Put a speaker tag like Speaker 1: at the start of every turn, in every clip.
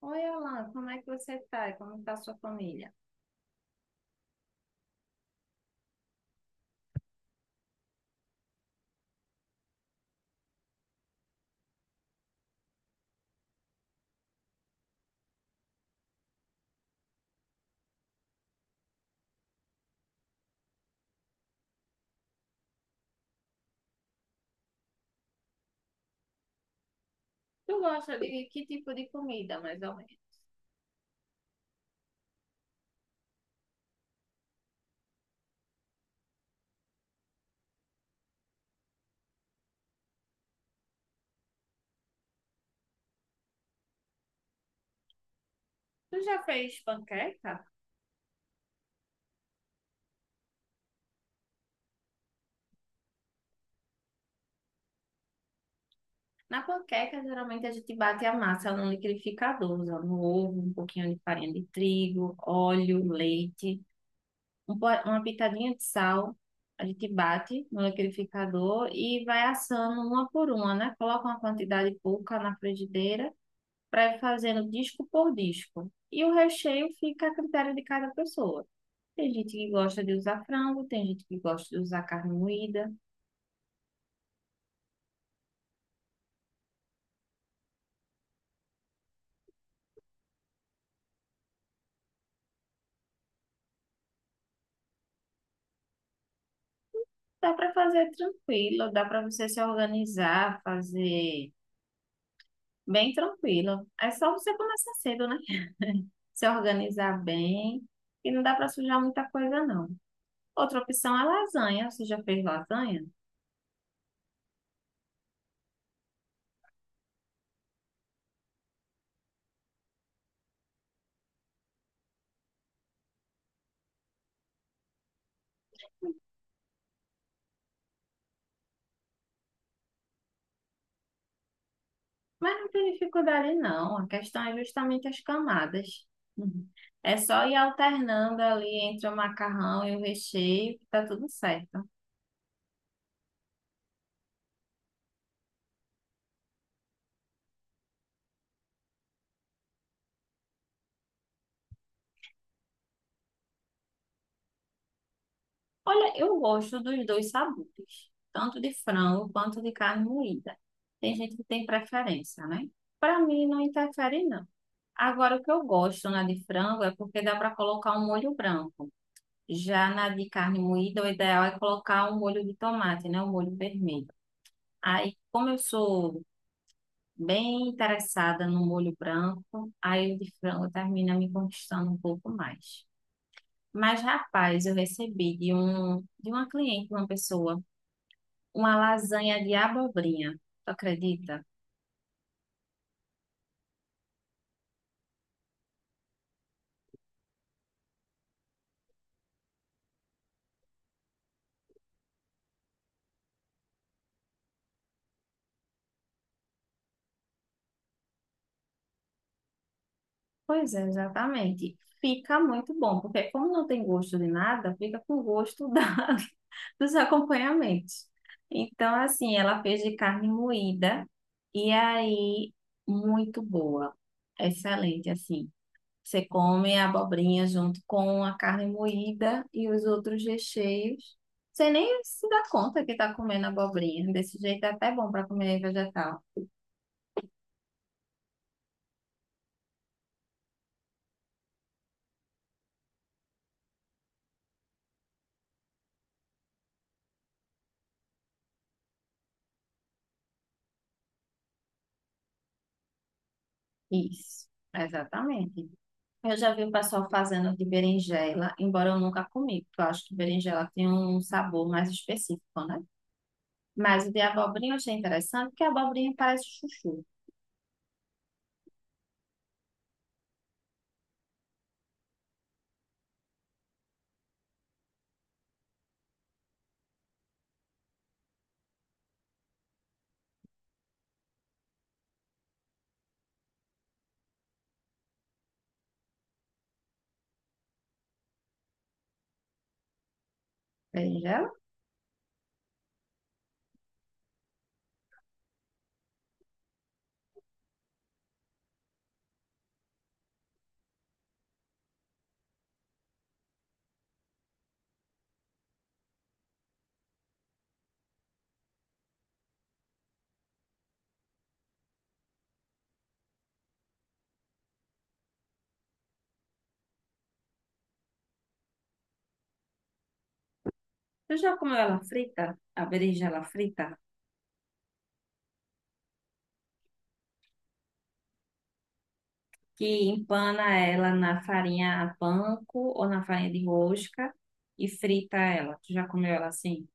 Speaker 1: Oi, Alan, como é que você tá? E como tá a sua família? Tu gosta de que tipo de comida, mais ou menos? Tu já fez panqueca? Na panqueca, geralmente a gente bate a massa no liquidificador, usando um ovo, um pouquinho de farinha de trigo, óleo, leite, uma pitadinha de sal. A gente bate no liquidificador e vai assando uma por uma, né? Coloca uma quantidade pouca na frigideira para ir fazendo disco por disco. E o recheio fica a critério de cada pessoa. Tem gente que gosta de usar frango, tem gente que gosta de usar carne moída. Dá para fazer tranquilo, dá para você se organizar, fazer bem tranquilo. É só você começar cedo, né? Se organizar bem e não dá para sujar muita coisa, não. Outra opção é lasanha. Você já fez lasanha? Mas não tem dificuldade, não. A questão é justamente as camadas. Uhum. É só ir alternando ali entre o macarrão e o recheio, que tá tudo certo. Olha, eu gosto dos dois sabores, tanto de frango quanto de carne moída. Tem gente que tem preferência, né? Para mim não interfere não. Agora o que eu gosto na de frango é porque dá para colocar um molho branco. Já na de carne moída, o ideal é colocar um molho de tomate, né? Um molho vermelho. Aí, como eu sou bem interessada no molho branco, aí o de frango termina me conquistando um pouco mais. Mas, rapaz, eu recebi de uma cliente, uma pessoa uma lasanha de abobrinha. Tu acredita? Pois é, exatamente. Fica muito bom, porque como não tem gosto de nada, fica com gosto da, dos acompanhamentos. Então, assim, ela fez de carne moída e aí muito boa. Excelente, assim. Você come a abobrinha junto com a carne moída e os outros recheios. Você nem se dá conta que está comendo abobrinha. Desse jeito é até bom para comer vegetal. Isso, exatamente. Eu já vi o pessoal fazendo de berinjela, embora eu nunca comi, porque eu acho que berinjela tem um sabor mais específico, né? Mas o de abobrinha eu achei interessante, porque a abobrinha parece chuchu. Berinjela? Tu já comeu ela frita? A berinjela frita? Que empana ela na farinha panko ou na farinha de rosca e frita ela. Tu já comeu ela assim?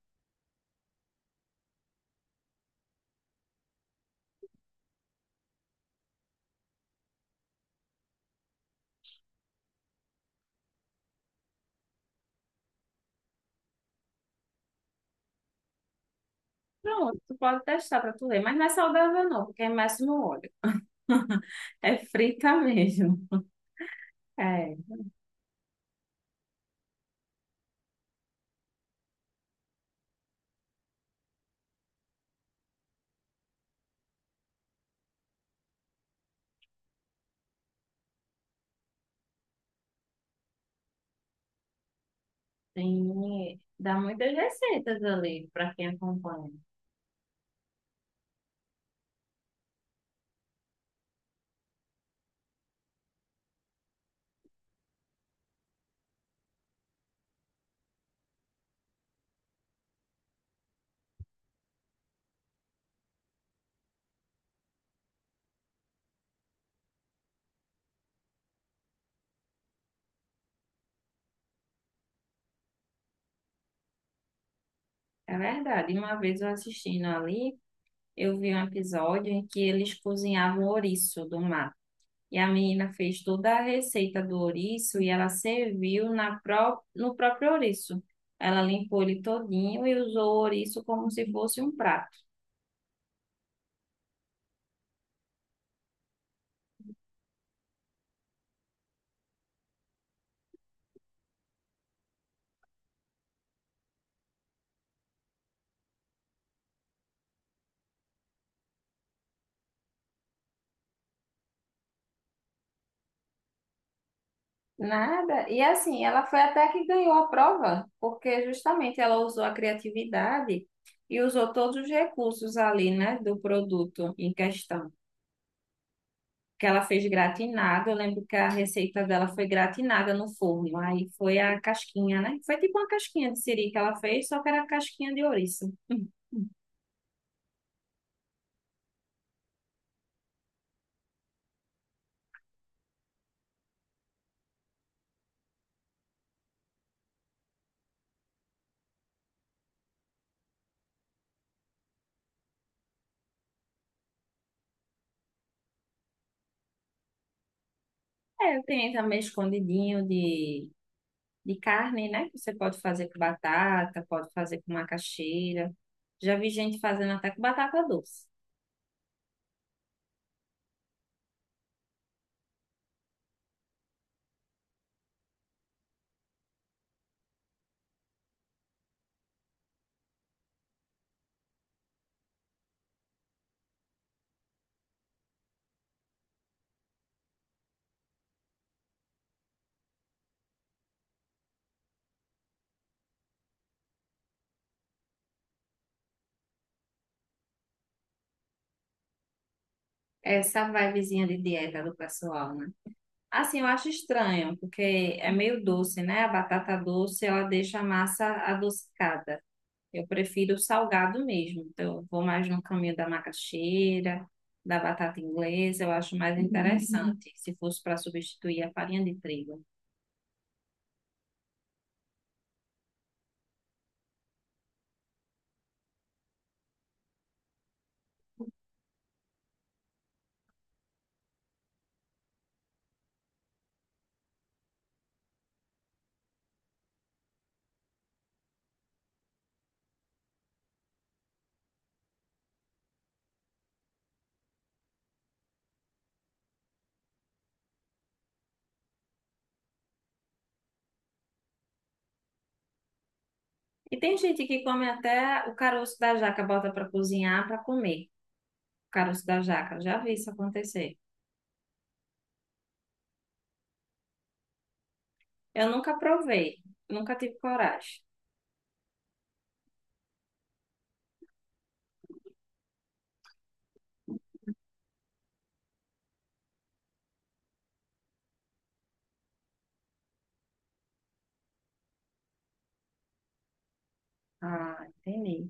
Speaker 1: Pronto, tu pode testar pra tu ver, mas não é saudável não, porque é mais no óleo. É frita mesmo. É. Tem, dá muitas receitas ali para quem acompanha. É verdade. Uma vez eu assistindo ali, eu vi um episódio em que eles cozinhavam ouriço do mar. E a menina fez toda a receita do ouriço e ela serviu na pró no próprio ouriço. Ela limpou ele todinho e usou o ouriço como se fosse um prato. Nada. E assim, ela foi até que ganhou a prova, porque justamente ela usou a criatividade e usou todos os recursos ali, né, do produto em questão. Que ela fez gratinado, eu lembro que a receita dela foi gratinada no forno, aí foi a casquinha, né? Foi tipo uma casquinha de siri que ela fez, só que era casquinha de ouriça. É, tem também escondidinho de carne, né? Que você pode fazer com batata, pode fazer com macaxeira. Já vi gente fazendo até com batata doce. Essa vibezinha de dieta do pessoal, né? Assim, eu acho estranho, porque é meio doce, né? A batata doce, ela deixa a massa adocicada. Eu prefiro o salgado mesmo. Então, eu vou mais no caminho da macaxeira, da batata inglesa, eu acho mais interessante, se fosse para substituir a farinha de trigo. E tem gente que come até o caroço da jaca, bota para cozinhar para comer. O caroço da jaca, já vi isso acontecer. Eu nunca provei, nunca tive coragem. Ah, entendi.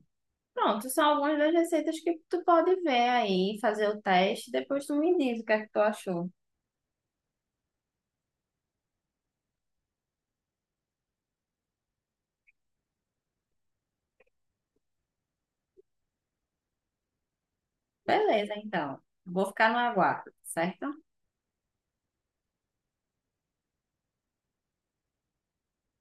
Speaker 1: Pronto, são algumas das receitas que tu pode ver aí, fazer o teste, depois tu me diz o que é que tu achou. Beleza, então. Vou ficar no aguardo, certo?